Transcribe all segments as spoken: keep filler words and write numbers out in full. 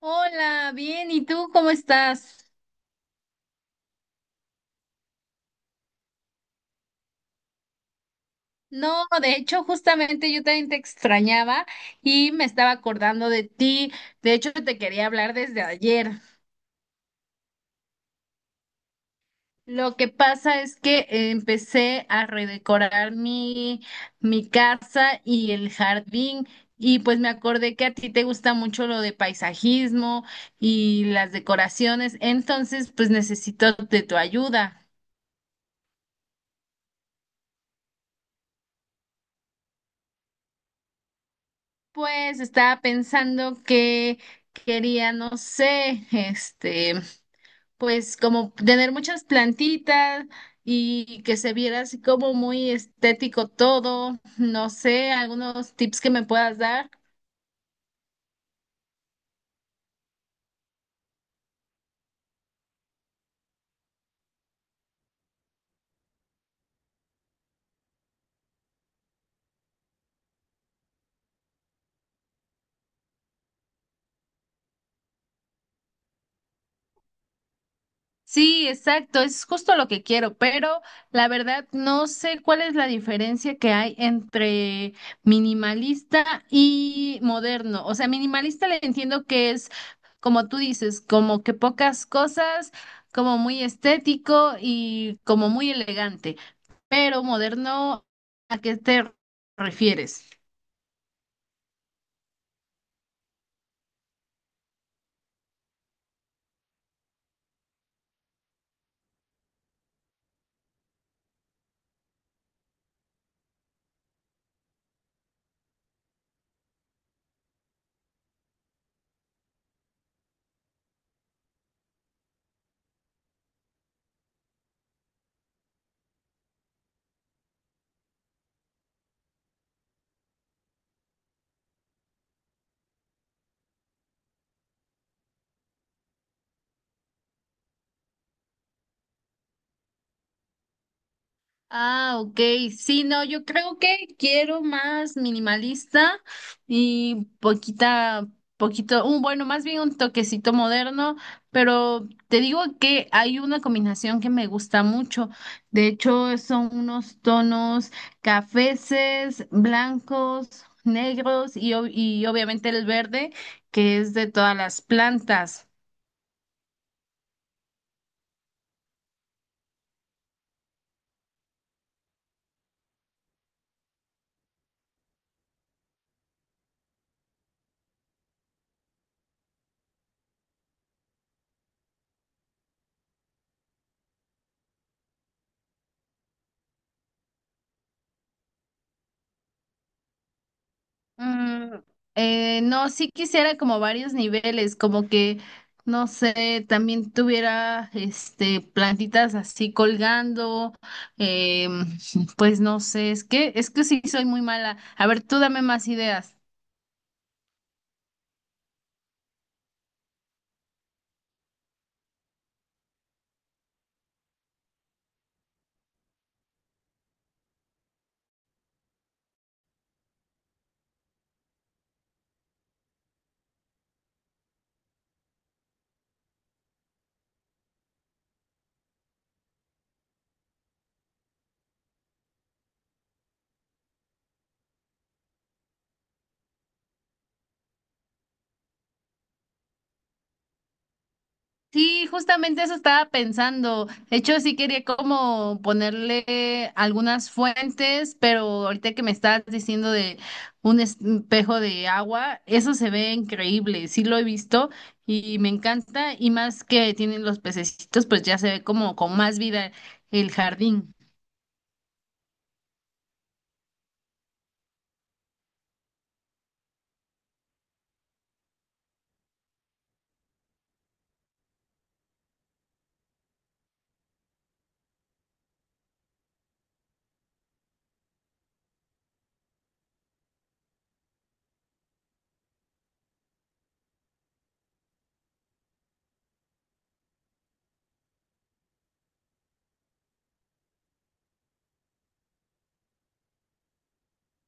Hola, bien, ¿y tú cómo estás? No, de hecho, justamente yo también te extrañaba y me estaba acordando de ti. De hecho, te quería hablar desde ayer. Lo que pasa es que empecé a redecorar mi, mi casa y el jardín y pues me acordé que a ti te gusta mucho lo de paisajismo y las decoraciones, entonces pues necesito de tu ayuda. Pues estaba pensando que quería, no sé, este, pues como tener muchas plantitas y que se viera así como muy estético todo, no sé, algunos tips que me puedas dar. Sí, exacto, es justo lo que quiero, pero la verdad no sé cuál es la diferencia que hay entre minimalista y moderno. O sea, minimalista le entiendo que es, como tú dices, como que pocas cosas, como muy estético y como muy elegante, pero moderno, ¿a qué te refieres? Ah, ok. Sí, no, yo creo que quiero más minimalista y poquita, poquito, un bueno, más bien un toquecito moderno, pero te digo que hay una combinación que me gusta mucho. De hecho, son unos tonos cafeces, blancos, negros y, ob- y obviamente el verde, que es de todas las plantas. Mm, eh, no, sí quisiera como varios niveles, como que, no sé, también tuviera este plantitas así colgando, em, pues no sé, es que, es que sí soy muy mala. A ver, tú dame más ideas. Sí, justamente eso estaba pensando. De hecho, sí quería como ponerle algunas fuentes, pero ahorita que me estás diciendo de un espejo de agua, eso se ve increíble. Sí lo he visto y me encanta. Y más que tienen los pececitos, pues ya se ve como con más vida el jardín.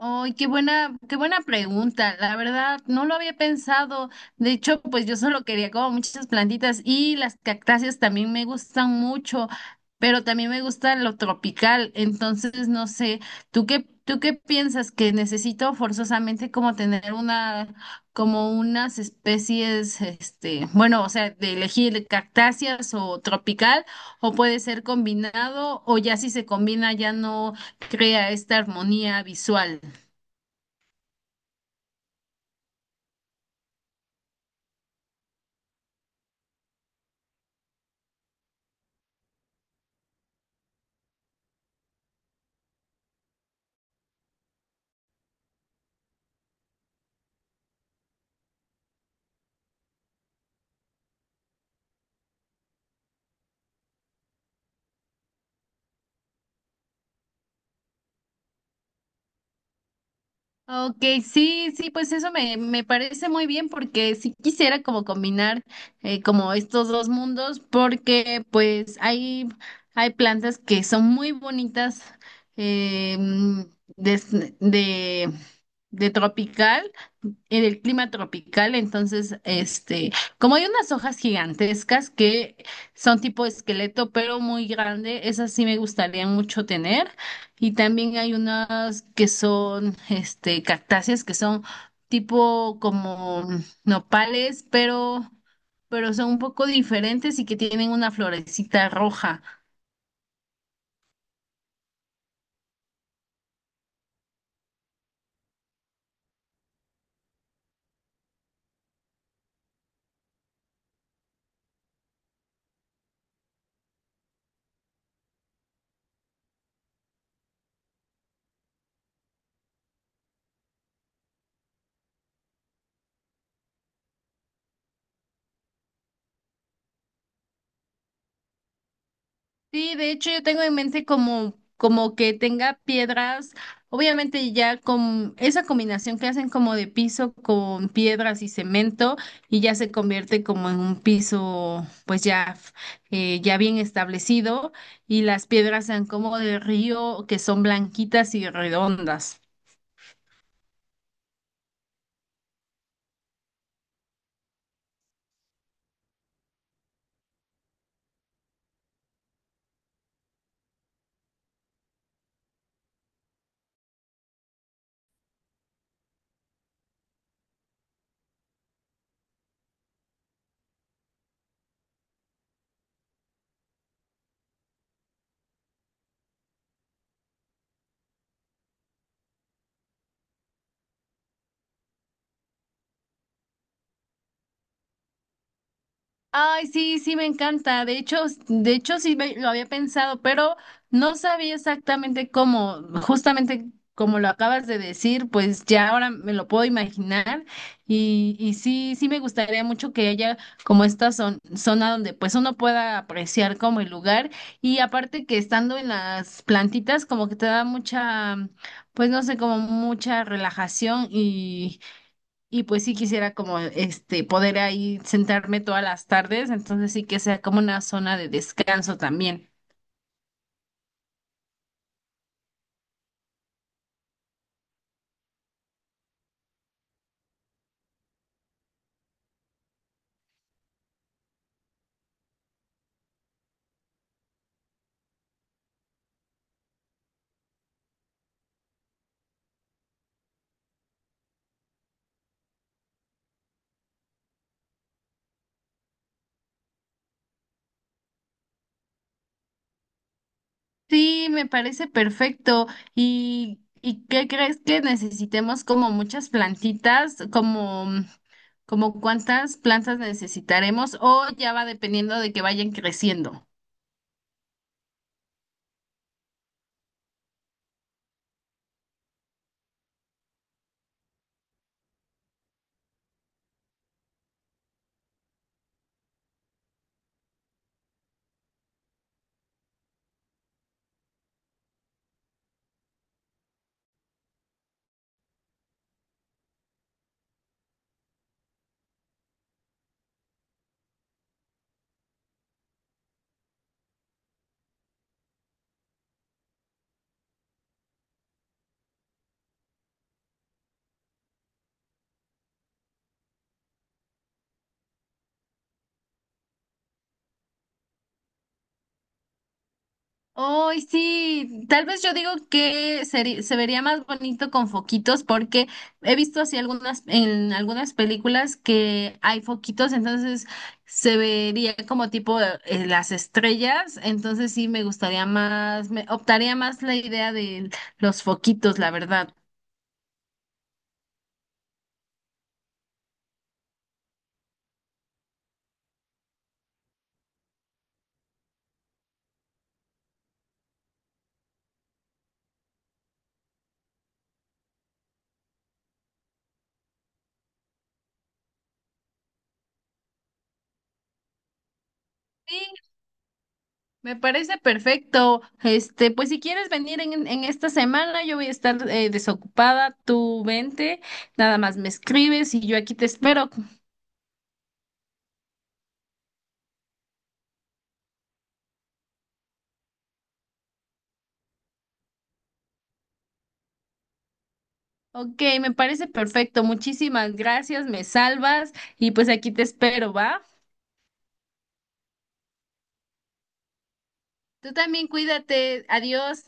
Ay, qué buena, qué buena pregunta. La verdad, no lo había pensado. De hecho, pues yo solo quería como muchas plantitas y las cactáceas también me gustan mucho, pero también me gusta lo tropical. Entonces, no sé, ¿tú qué, tú qué piensas que necesito forzosamente como tener una, como unas especies, este, bueno, o sea, de elegir cactáceas o tropical, o puede ser combinado, o ya si se combina ya no crea esta armonía visual? Ok, sí, sí, pues eso me, me parece muy bien porque sí quisiera como combinar eh, como estos dos mundos porque pues hay, hay plantas que son muy bonitas eh, des- de, de tropical, en el clima tropical, entonces este, como hay unas hojas gigantescas que son tipo esqueleto pero muy grande, esas sí me gustaría mucho tener. Y también hay unas que son, este, cactáceas que son tipo como nopales, pero, pero son un poco diferentes y que tienen una florecita roja. Sí, de hecho yo tengo en mente como, como que tenga piedras, obviamente ya con esa combinación que hacen como de piso con piedras y cemento y ya se convierte como en un piso pues ya, eh, ya bien establecido y las piedras sean como de río que son blanquitas y redondas. Ay, sí, sí, me encanta. De hecho, s- de hecho sí me- lo había pensado, pero no sabía exactamente cómo, justamente como lo acabas de decir, pues ya ahora me lo puedo imaginar y, y sí, sí me gustaría mucho que haya como esta zon- zona donde pues uno pueda apreciar como el lugar y aparte que estando en las plantitas como que te da mucha, pues no sé, como mucha relajación y pues sí quisiera como este poder ahí sentarme todas las tardes, entonces sí que sea como una zona de descanso también. Sí, me parece perfecto. ¿Y, y qué crees que necesitemos como muchas plantitas, como como cuántas plantas necesitaremos o ya va dependiendo de que vayan creciendo? Hoy sí, tal vez yo digo que seri- se vería más bonito con foquitos porque he visto así algunas en algunas películas que hay foquitos, entonces se vería como tipo eh, las estrellas, entonces sí me gustaría más, me optaría más la idea de los foquitos, la verdad. Sí, me parece perfecto. Este, pues si quieres venir en, en esta semana, yo voy a estar eh, desocupada, tú vente, nada más me escribes y yo aquí te espero. Ok, me parece perfecto. Muchísimas gracias, me salvas y pues aquí te espero, ¿va? Tú también cuídate. Adiós.